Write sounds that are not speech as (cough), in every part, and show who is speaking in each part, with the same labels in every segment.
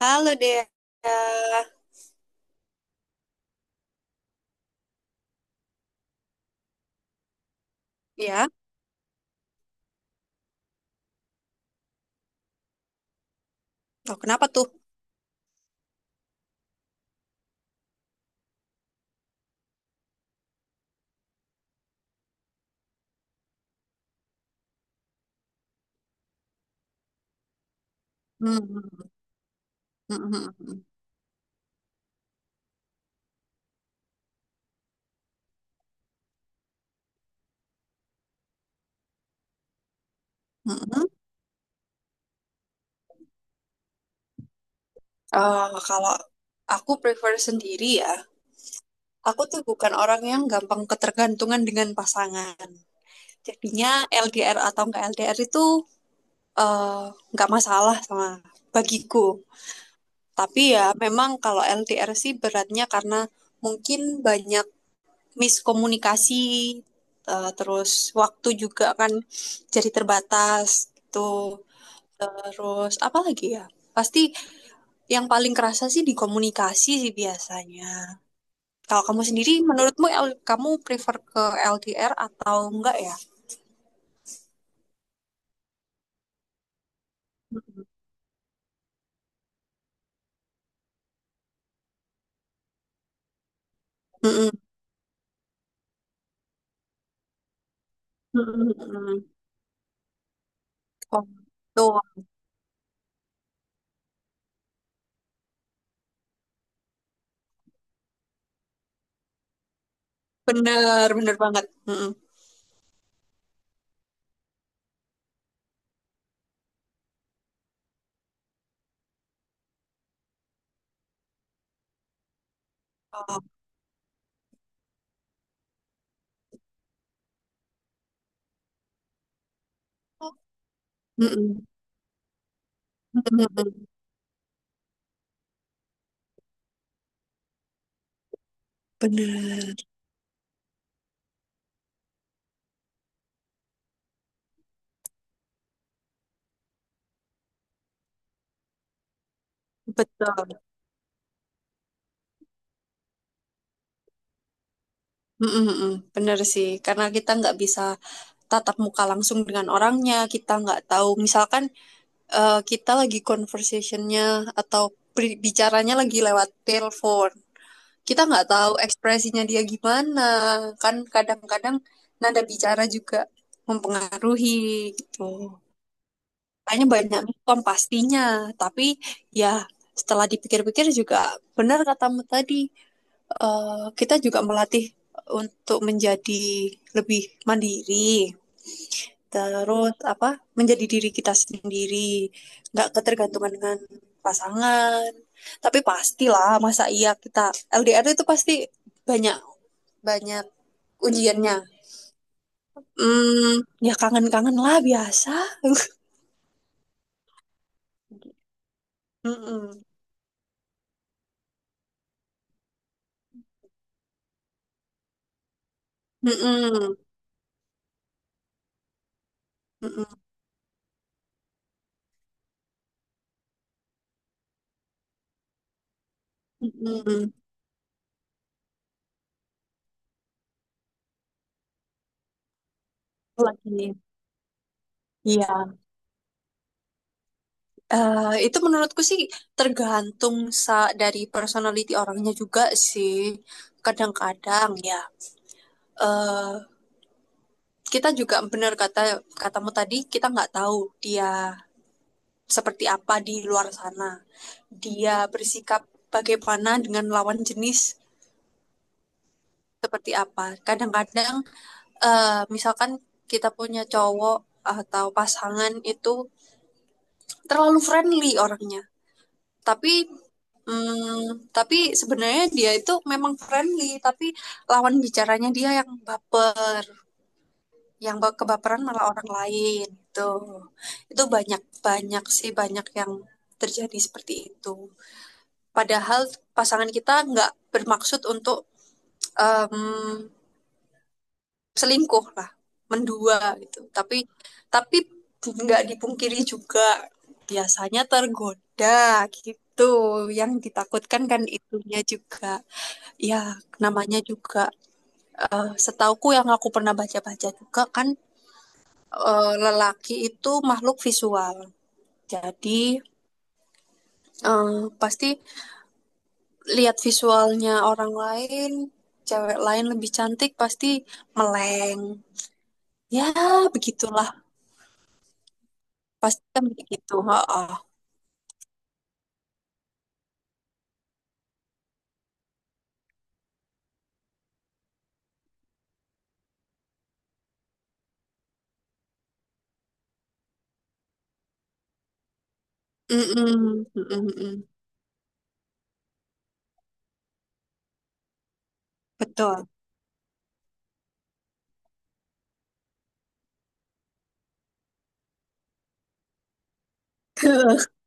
Speaker 1: Halo Dea. Ya, oh, kenapa tuh? Hmm. hmm, hmm, hmm. hmm, hmm. Eh, kalau aku prefer sendiri ya, aku tuh bukan orang yang gampang ketergantungan dengan pasangan. Jadinya LDR atau enggak LDR itu eh, nggak masalah sama bagiku. Tapi ya memang kalau LDR sih beratnya karena mungkin banyak miskomunikasi, terus waktu juga kan jadi terbatas gitu. Terus apa lagi ya? Pasti yang paling kerasa sih di komunikasi sih biasanya. Kalau kamu sendiri, menurutmu kamu prefer ke LDR atau enggak ya? Mm-mm. Mm-mm. Oh, tuh bener bener banget. Mm-mm. Oh. Mm-mm. Mm-mm. Bener, betul. Mm-mm. Bener sih, karena kita nggak bisa tatap muka langsung dengan orangnya, kita nggak tahu. Misalkan kita lagi conversationnya atau bicaranya lagi lewat telepon. Kita nggak tahu ekspresinya dia gimana, kan kadang-kadang nada bicara juga mempengaruhi gitu. Kayaknya banyak mikom pastinya, tapi ya setelah dipikir-pikir juga benar katamu tadi, kita juga melatih untuk menjadi lebih mandiri terus apa menjadi diri kita sendiri nggak ketergantungan dengan pasangan tapi pastilah masa iya kita LDR itu pasti banyak banyak ujiannya. hmm, Ya kangen-kangen lah biasa. (laughs) Mm-mm. Mm-mm. Mm-mm. Mm-mm. Lagi iya, itu menurutku sih tergantung sa dari personality orangnya juga sih. Kadang-kadang ya, eh, kita juga benar kata katamu tadi kita nggak tahu dia seperti apa di luar sana, dia bersikap bagaimana dengan lawan jenis seperti apa. Kadang-kadang misalkan kita punya cowok atau pasangan itu terlalu friendly orangnya, tapi tapi sebenarnya dia itu memang friendly tapi lawan bicaranya dia yang baper, yang kebaperan malah orang lain itu. Itu banyak banyak sih, banyak yang terjadi seperti itu, padahal pasangan kita nggak bermaksud untuk em, selingkuh lah, mendua gitu. Tapi nggak dipungkiri juga biasanya tergoda gitu, yang ditakutkan kan itunya juga. Ya namanya juga, setauku yang aku pernah baca-baca juga kan, lelaki itu makhluk visual. Jadi eh, pasti lihat visualnya orang lain, cewek lain lebih cantik pasti meleng. Ya, begitulah. Pasti kan begitu. Oh, mm-mm, mm-mm, betul. (laughs)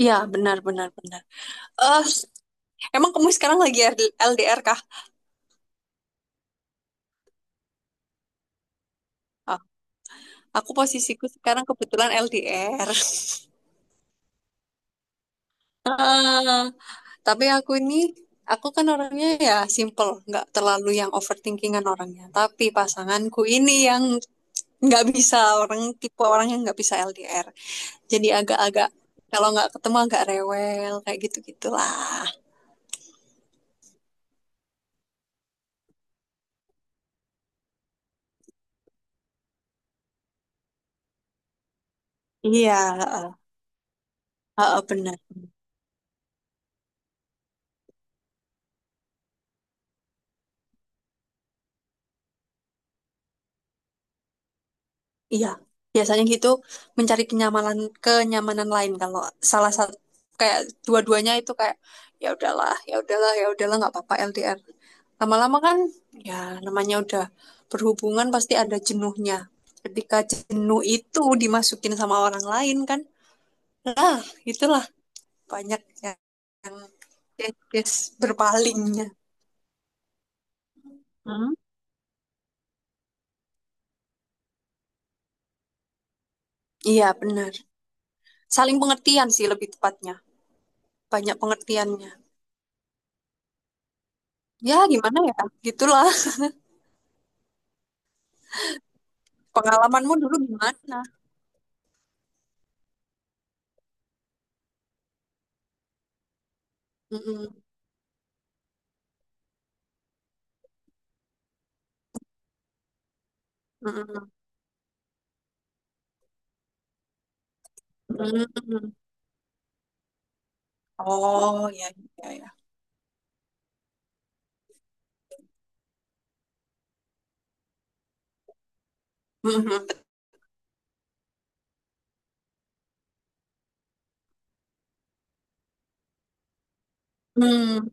Speaker 1: Iya, benar, benar, benar. Eh, emang kamu sekarang lagi LDR kah? Ah, aku posisiku sekarang kebetulan LDR. (laughs) Tapi aku ini, aku kan orangnya ya simple, nggak terlalu yang overthinkingan orangnya. Tapi pasanganku ini yang nggak bisa, orang tipe orang yang nggak bisa LDR. Jadi agak-agak, kalau nggak ketemu agak rewel kayak gitu-gitulah. Iya, heeh, heeh, benar. Iya, biasanya gitu mencari kenyamanan, kenyamanan lain kalau salah satu kayak dua-duanya itu kayak ya udahlah, ya udahlah, ya udahlah nggak apa-apa LDR. Lama-lama kan ya namanya udah berhubungan pasti ada jenuhnya. Ketika jenuh itu dimasukin sama orang lain kan, nah itulah banyak yang, yang berpalingnya. Hmm? Iya benar, saling pengertian sih lebih tepatnya, banyak pengertiannya. Ya gimana ya, gitulah. Pengalamanmu dulu gimana? Mhm, mhm, mmm. Oh, ya ya ya. Mhm, mmm,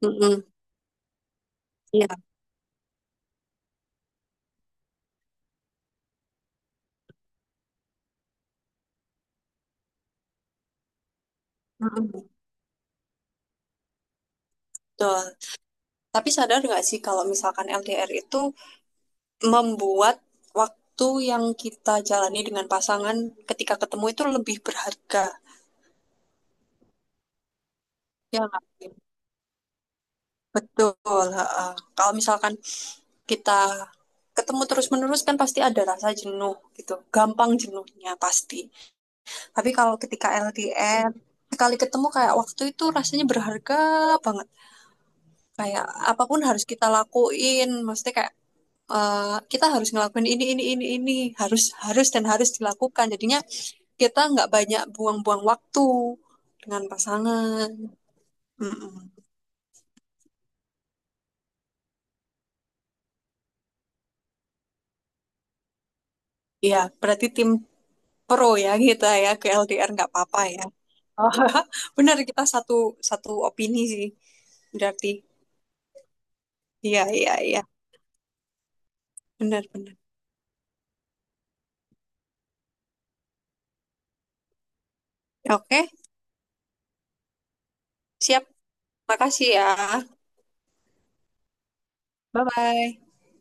Speaker 1: mhm, iya, mhm, betul. Tapi sadar nggak sih kalau misalkan LDR itu membuat waktu yang kita jalani dengan pasangan ketika ketemu itu lebih berharga, ya nggak sih? Betul, heeh. Kalau misalkan kita ketemu terus-menerus kan pasti ada rasa jenuh gitu, gampang jenuhnya pasti. Tapi kalau ketika LDR, sekali ketemu kayak waktu itu rasanya berharga banget. Kayak apapun harus kita lakuin, maksudnya kayak eh, kita harus ngelakuin ini, harus, harus dan harus dilakukan. Jadinya kita nggak banyak buang-buang waktu dengan pasangan. Mm-mm. Iya, berarti tim pro ya kita ya ke LDR nggak apa-apa ya. (laughs) Benar kita satu satu opini sih. Berarti iya iya iya benar benar. Oke, siap. Makasih ya. Bye-bye.